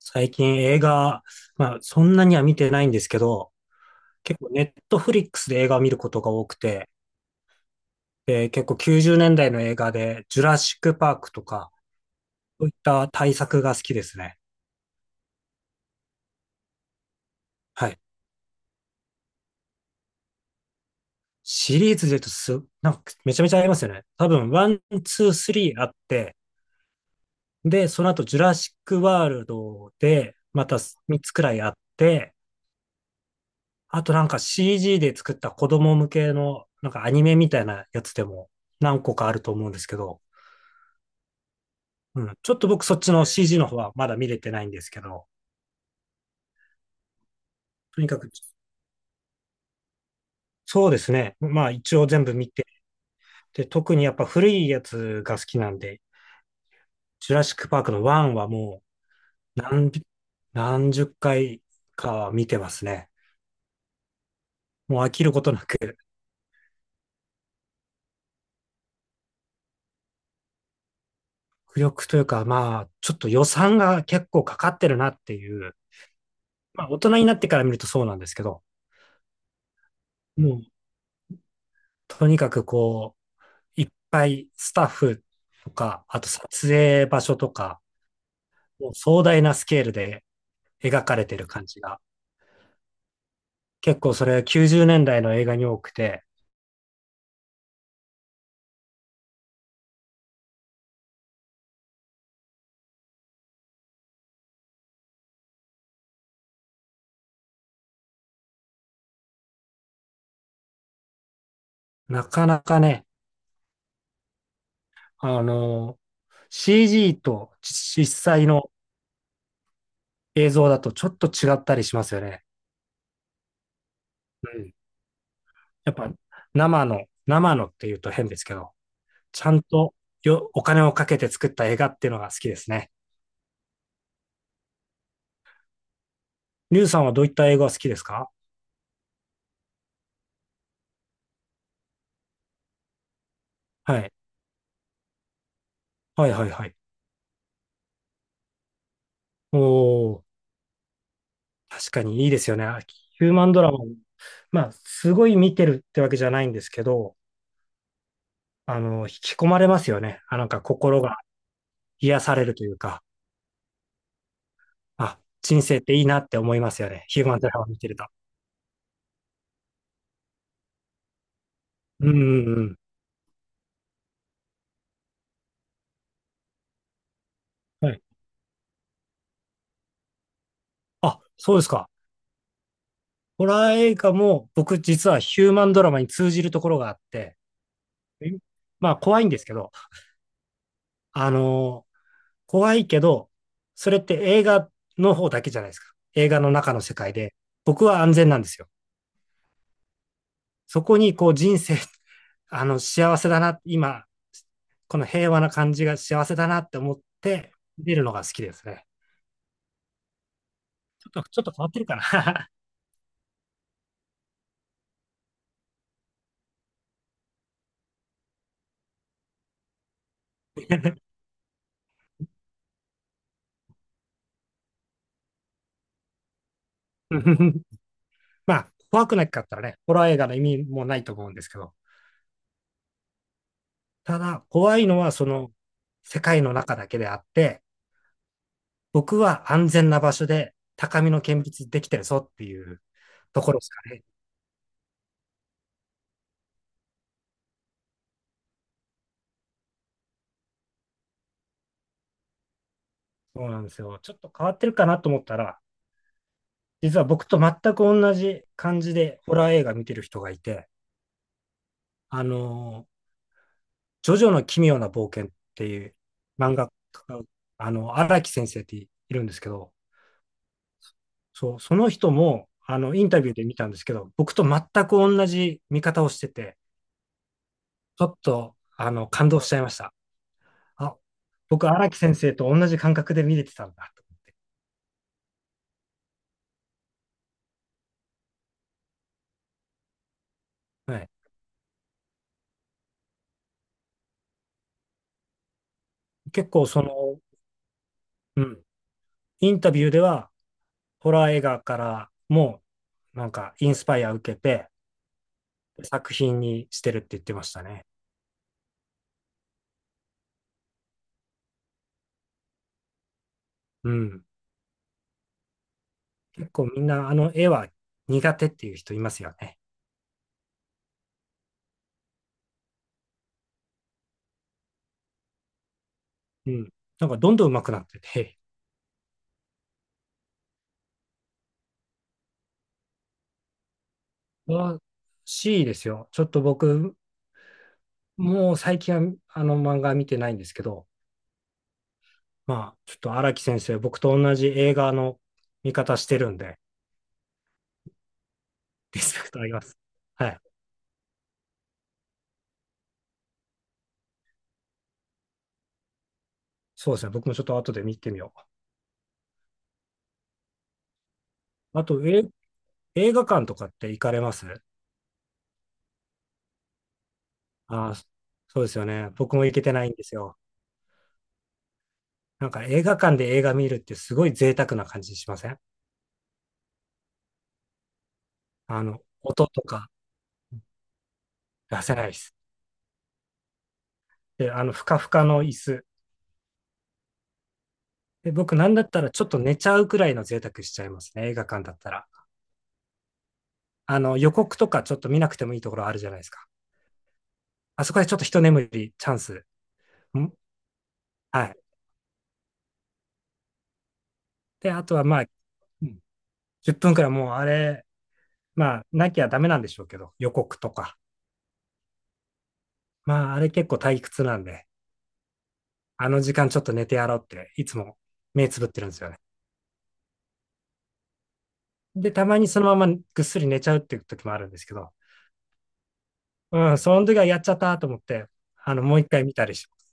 最近映画、まあそんなには見てないんですけど、結構ネットフリックスで映画を見ることが多くて、で、結構90年代の映画で、ジュラシックパークとか、そういった大作が好きですね。はい。シリーズで言うとなんかめちゃめちゃありますよね。多分、ワン、ツー、スリーあって、で、その後、ジュラシックワールドで、また3つくらいあって、あとなんか CG で作った子供向けの、なんかアニメみたいなやつでも何個かあると思うんですけど、うん。ちょっと僕そっちの CG の方はまだ見れてないんですけど、とにかく、そうですね。まあ一応全部見て、で、特にやっぱ古いやつが好きなんで、ジュラシックパークの1はもう何十回かは見てますね。もう飽きることなく、浮力というかまあ、ちょっと予算が結構かかってるなっていう、まあ大人になってから見るとそうなんですけど、もうとにかくこう、いっぱいスタッフとか、あと撮影場所とか、もう壮大なスケールで描かれてる感じが、結構それ90年代の映画に多くて、なかなかね、あの、CG と実際の映像だとちょっと違ったりしますよね。うん。やっぱ生のって言うと変ですけど、ちゃんとよお金をかけて作った映画っていうのが好きですね。リュウさんはどういった映画が好きですか？はい。はいはいはい。おー。確かにいいですよね。あヒューマンドラマも、まあ、すごい見てるってわけじゃないんですけど、引き込まれますよね。あ、なんか心が癒されるというか、あ、人生っていいなって思いますよね。ヒューマンドラマ見てると。うんうんうん。はい。あ、そうですか。ホラー映画も僕実はヒューマンドラマに通じるところがあって、え、まあ怖いんですけど、あのー怖いけど、それって映画の方だけじゃないですか。映画の中の世界で、僕は安全なんですよ。そこにこう人生、あの幸せだな、今、この平和な感じが幸せだなって思って見るのが好きですね。ちょっと変わってるかな？ まあ、怖くなかったらね、ホラー映画の意味もないと思うんですけど、ただ、怖いのはその世界の中だけであって、僕は安全な場所で高みの見物できてるぞっていうところですかね。そうなんですよ。ちょっと変わってるかなと思ったら、実は僕と全く同じ感じでホラー映画見てる人がいて、あの、ジョジョの奇妙な冒険っていう漫画家、荒木先生っているんですけど、そう、その人も、インタビューで見たんですけど、僕と全く同じ見方をしてて、ちょっと、あの、感動しちゃいました。あ、僕、荒木先生と同じ感覚で見れてたんだと思って。はい。結構、その、うん、インタビューでは、ホラー映画からも、なんか、インスパイア受けて、作品にしてるって言ってましたね。うん。結構みんなあの絵は苦手っていう人いますよね。うん。なんかどんどん上手くなってて、らしいですよ。ちょっと僕、もう最近はあの漫画見てないんですけど、まあ、ちょっと荒木先生、僕と同じ映画の見方してるんで、リスペクトあります。はい。そうですね。僕もちょっと後で見てみよう。あと、え、映画館とかって行かれます？ああ、そうですよね。僕も行けてないんですよ。なんか映画館で映画見るってすごい贅沢な感じしません？あの、音とか出せないです。で、あの、ふかふかの椅子。で、僕なんだったらちょっと寝ちゃうくらいの贅沢しちゃいますね。映画館だったら。あの、予告とかちょっと見なくてもいいところあるじゃないですか。あそこでちょっと一眠り、チャンス。ん、はい。で、あとはまあ、う、10分くらいもうあれ、まあ、なきゃダメなんでしょうけど、予告とか。まあ、あれ結構退屈なんで、あの時間ちょっと寝てやろうって、いつも目つぶってるんですよね。で、たまにそのままぐっすり寝ちゃうっていう時もあるんですけど、うん、その時はやっちゃったと思って、もう一回見たりします。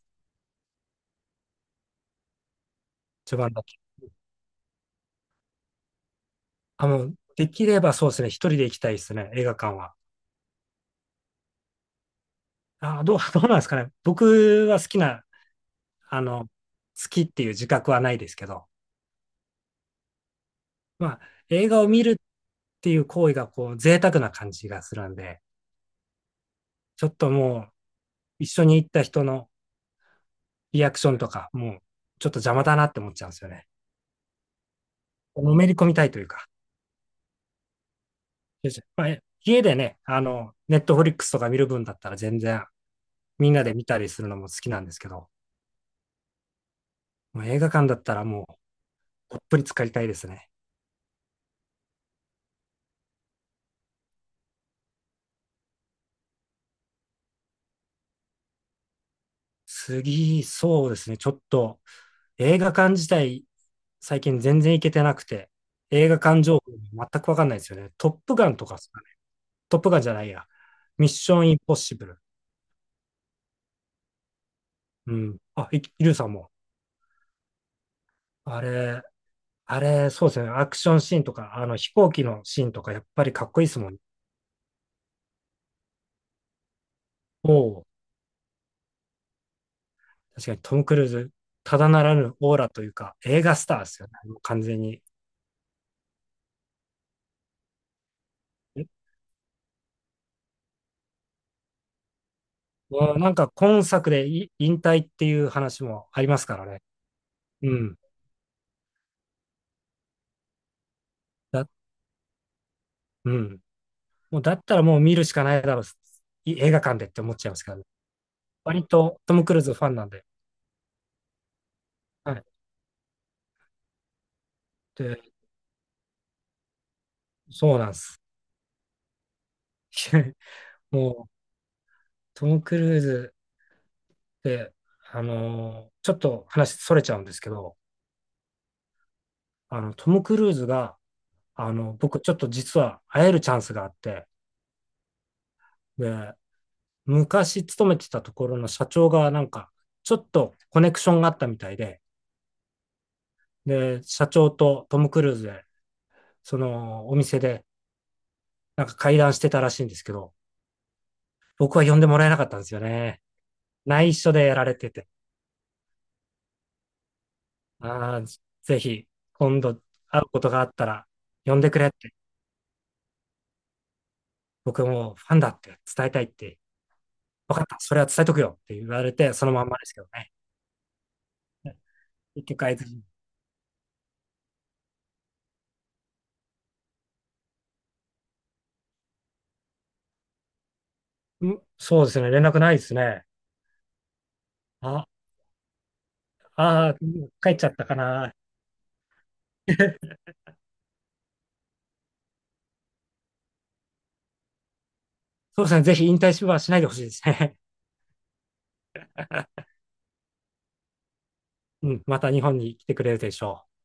一番だけ。あ、もう、できればそうですね、一人で行きたいですね、映画館は。どうなんですかね。僕は好きな、あの、好きっていう自覚はないですけど、まあ、映画を見るっていう行為が、こう、贅沢な感じがするんで、ちょっともう、一緒に行った人のリアクションとか、もう、ちょっと邪魔だなって思っちゃうんですよね。のめり込みたいというか。まあ家でね、ネットフリックスとか見る分だったら全然みんなで見たりするのも好きなんですけど、もう映画館だったらもうほっぷり浸かりたいですね。次、そうですね。ちょっと映画館自体、最近全然行けてなくて、映画館情報全くわかんないですよね。トップガンとかですかね。トップガンじゃないや。ミッションインポッシブル。うん。あ、いイルさんも。あれ、あれ、そうですね。アクションシーンとか、あの飛行機のシーンとか、やっぱりかっこいいですもんね。おお、確かにトム・クルーズ、ただならぬオーラというか、映画スターですよね。完全に。うん、なんか今作でい引退っていう話もありますからね。うん。だ、うん。もうだったらもう見るしかないだろう。い映画館でって思っちゃいますからね。割とトム・クルーズファンなんで。はい。で、そうなんです。もうトム・クルーズって、ちょっと話それちゃうんですけど、トム・クルーズが、僕ちょっと実は会えるチャンスがあって、で、昔勤めてたところの社長がなんか、ちょっとコネクションがあったみたいで、で、社長とトム・クルーズで、そのお店でなんか会談してたらしいんですけど、僕は呼んでもらえなかったんですよね。内緒でやられてて。あー、ぜひ、今度会うことがあったら、呼んでくれって、僕もファンだって伝えたいって、分かった、それは伝えとくよって言われて、そのまんまですけどね。結局会えずに、うん、そうですね、連絡ないですね。あ、あー、帰っちゃったかな。そうですね、ぜひ引退はしないでほしいですね。うん、また日本に来てくれるでしょう。